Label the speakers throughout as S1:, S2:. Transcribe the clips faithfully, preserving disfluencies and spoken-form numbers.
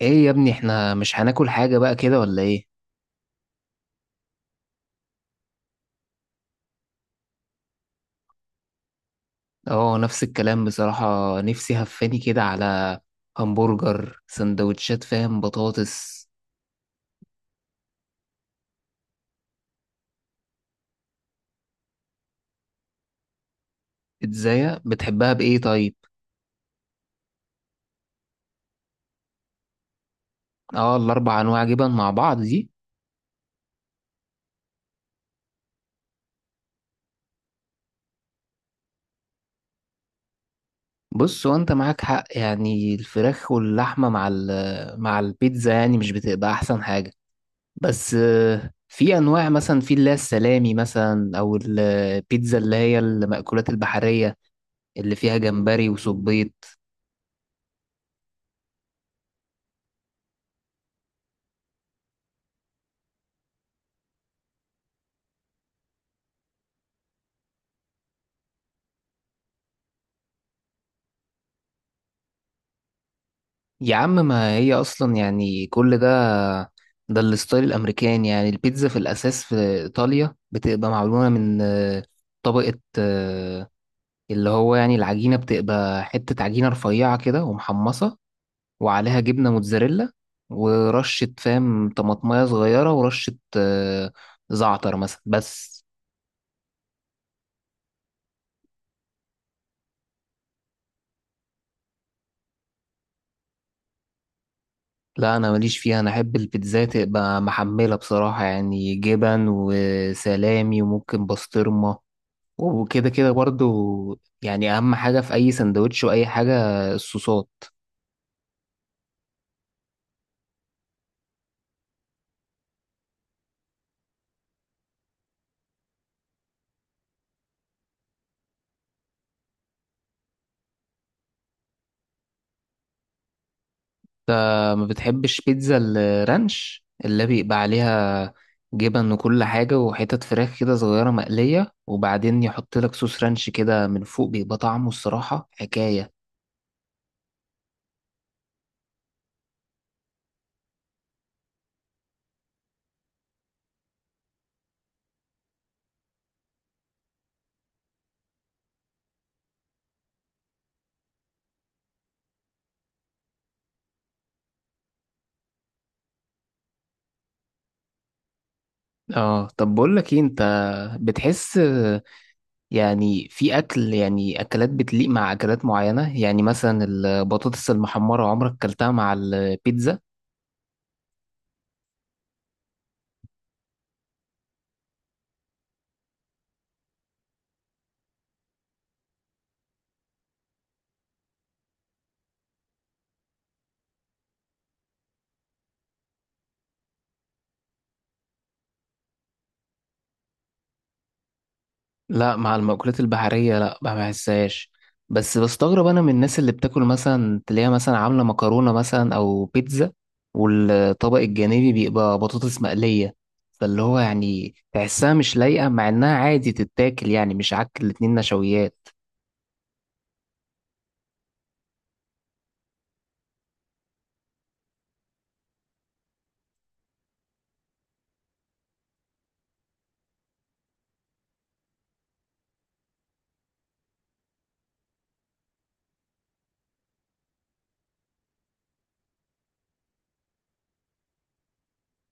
S1: ايه يا ابني احنا مش هناكل حاجة بقى كده ولا ايه؟ اه، نفس الكلام بصراحة. نفسي هفاني كده على همبرجر، سندوتشات، فاهم، بطاطس. ازاي بتحبها بايه طيب؟ اه، الاربع انواع جبن مع بعض دي. بص، وانت معاك حق، يعني الفراخ واللحمة مع ال- مع البيتزا يعني مش بتبقى احسن حاجة. بس آه، في انواع، مثلا في اللي هي السلامي مثلا، او البيتزا اللي هي المأكولات البحرية اللي فيها جمبري وصبيط. يا عم، ما هي اصلا يعني كل ده. ده الستايل الامريكاني. يعني البيتزا في الاساس في ايطاليا بتبقى معموله من آه، طبقه، آه، اللي هو يعني العجينه بتبقى حته عجينه رفيعه كده ومحمصه، وعليها جبنه موتزاريلا ورشه، فاهم، طماطمايه صغيره ورشه آه، زعتر مثلا، بس. لا، انا ماليش فيها، انا احب البيتزا تبقى محمله بصراحه، يعني جبن وسلامي وممكن بسطرمه وكده كده برضو. يعني اهم حاجة في اي سندوتش واي حاجة الصوصات. آه، ما بتحبش بيتزا الرانش اللي بيبقى عليها جبن وكل حاجة وحتت فراخ كده صغيرة مقلية، وبعدين يحط لك صوص رانش كده من فوق، بيبقى طعمه الصراحة حكاية. اه، طب بقول لك ايه، انت بتحس آه، يعني في اكل، يعني اكلات بتليق مع اكلات معينة. يعني مثلا البطاطس المحمرة، عمرك كلتها مع البيتزا؟ لا، مع المأكولات البحرية لا، ما بحسهاش. بس بستغرب أنا من الناس اللي بتاكل مثلا، تلاقيها مثلا عاملة مكرونة مثلا أو بيتزا، والطبق الجانبي بيبقى بطاطس مقلية، فاللي هو يعني تحسها مش لايقة، مع إنها عادي تتاكل، يعني مش عك، الاتنين نشويات.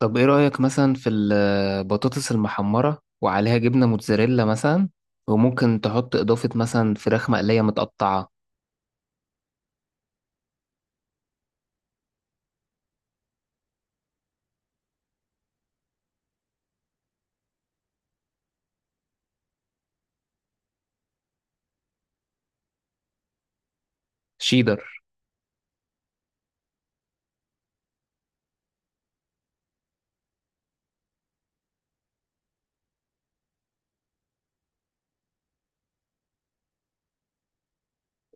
S1: طب إيه رأيك مثلا في البطاطس المحمرة وعليها جبنة موتزاريلا مثلا، وممكن تحط إضافة مثلا فراخ مقلية متقطعة؟ شيدر.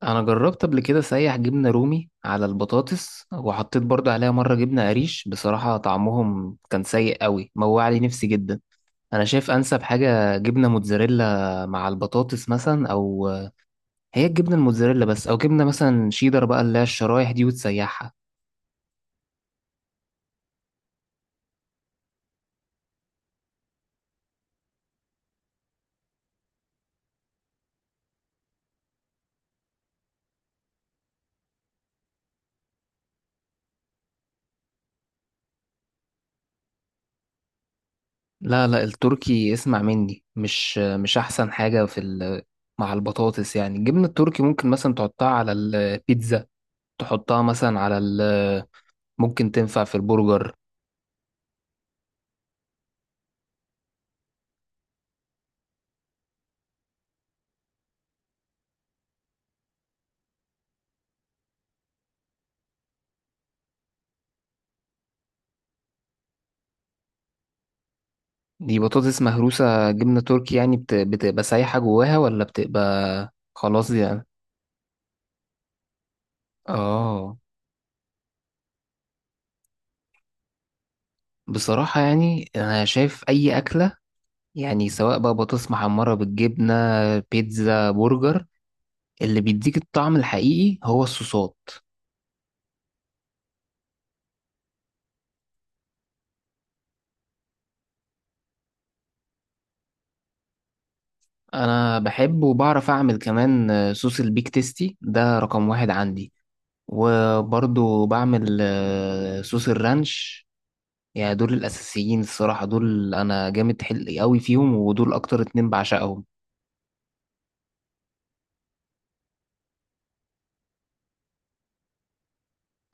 S1: انا جربت قبل كده سايح جبنة رومي على البطاطس، وحطيت برضو عليها مرة جبنة قريش، بصراحة طعمهم كان سيء قوي، موع لي نفسي جدا. انا شايف انسب حاجة جبنة موتزاريلا مع البطاطس مثلا، او هي الجبنة الموتزاريلا بس، او جبنة مثلا شيدر بقى اللي هي الشرايح دي وتسيحها. لا لا، التركي اسمع مني مش مش احسن حاجة في ال... مع البطاطس. يعني الجبنة التركي ممكن مثلا تحطها على البيتزا، تحطها مثلا على ال... ممكن تنفع في البرجر. دي بطاطس مهروسة جبنة تركي، يعني بت... بتبقى سايحة جواها، ولا بتبقى خلاص يعني؟ اه. بصراحة يعني أنا شايف أي أكلة، يعني سواء بقى بطاطس محمرة بالجبنة، بيتزا، برجر، اللي بيديك الطعم الحقيقي هو الصوصات. أنا بحب وبعرف أعمل كمان آه، صوص البيك تيستي، ده رقم واحد عندي. وبرضو بعمل آه، صوص الرانش. يعني دول الأساسيين الصراحة، دول أنا جامد حلقي قوي فيهم، ودول أكتر اتنين بعشقهم.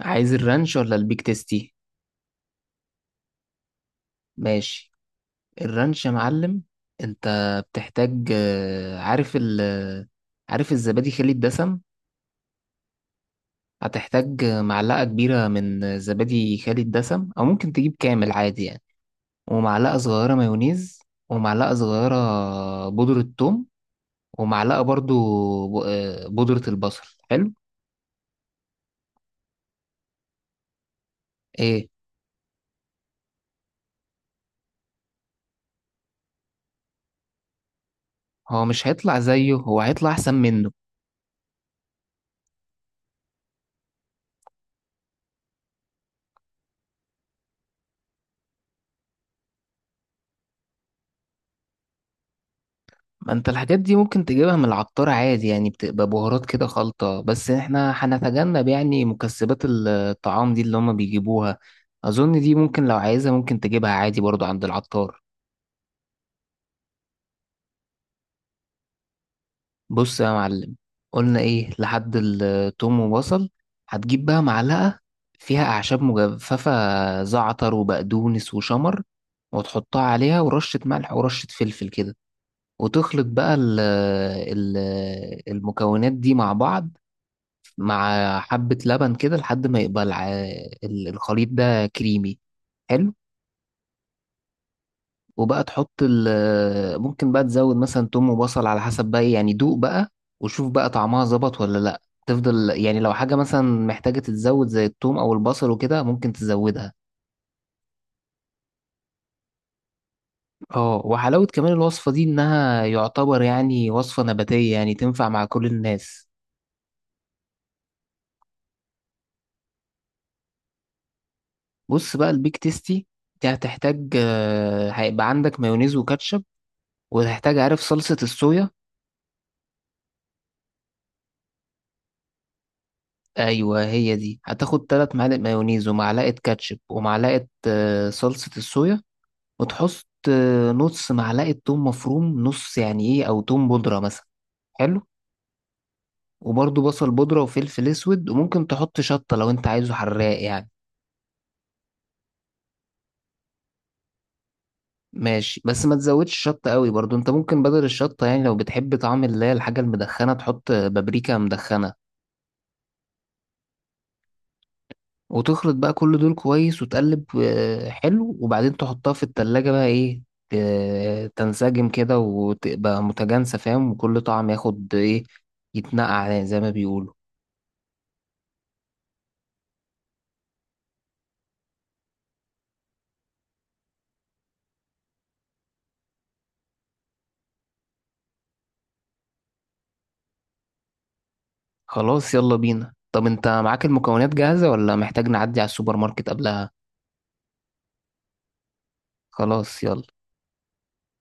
S1: عايز الرانش ولا البيك تيستي؟ ماشي. الرانش يا معلم. أنت بتحتاج آه، عارف ال آه، عارف الزبادي خالي الدسم. هتحتاج آه، معلقة كبيرة من زبادي خالي الدسم، أو ممكن تجيب كامل عادي يعني. ومعلقة صغيرة مايونيز، ومعلقة صغيرة بودرة ثوم، ومعلقة برضو ب- آه، بودرة البصل. حلو. ايه؟ هو مش هيطلع زيه، هو هيطلع احسن منه. ما انت الحاجات دي ممكن تجيبها من العطار عادي. يعني بتبقى بهارات كده خلطة، بس احنا هنتجنب يعني مكسبات الطعام دي اللي هما بيجيبوها. اظن دي ممكن، لو عايزها ممكن تجيبها عادي برضو عند العطار. بص يا معلم، قلنا ايه لحد التوم وبصل. هتجيب بقى معلقة فيها اعشاب مجففة، زعتر وبقدونس وشمر، وتحطها عليها ورشة ملح ورشة فلفل كده، وتخلط بقى ال ال المكونات دي مع بعض، مع حبة لبن كده، لحد ما يبقى الع- ال- الخليط ده كريمي. حلو. وبقى تحط ال ممكن بقى تزود مثلا توم وبصل على حسب بقى إيه، يعني دوق بقى وشوف بقى طعمها ظبط ولا لا. تفضل يعني، لو حاجة مثلا محتاجة تتزود زي التوم أو البصل وكده، ممكن تزودها. اه وحلاوة كمان الوصفة دي، إنها يعتبر يعني وصفة نباتية، يعني تنفع مع كل الناس. بص بقى البيك تيستي، دي هتحتاج آه، هيبقى عندك مايونيز وكاتشب، وهتحتاج، عارف، صلصة الصويا. ايوه، هي دي. هتاخد تلات معالق مايونيز، ومعلقة كاتشب، ومعلقة آه، صلصة الصويا. وتحط آه، نص معلقة توم مفروم، نص يعني ايه، او توم بودرة مثلا. حلو. وبرضه بصل بودرة وفلفل اسود، وممكن تحط شطة لو انت عايزه حراق يعني. ماشي، بس ما تزودش شطة قوي برضه. انت ممكن بدل الشطة، يعني لو بتحب طعم اللي هي الحاجة المدخنة، تحط آه، بابريكا مدخنة. وتخلط بقى كل دول كويس، وتقلب آه، حلو. وبعدين تحطها في التلاجة بقى، ايه، ت- تنسجم كده وتبقى متجانسة، فاهم، وكل طعم ياخد ايه، يتنقع زي ما بيقولوا. خلاص يلا بينا. طب انت معاك المكونات جاهزة، ولا محتاج نعدي على السوبر ماركت قبلها؟ خلاص يلا.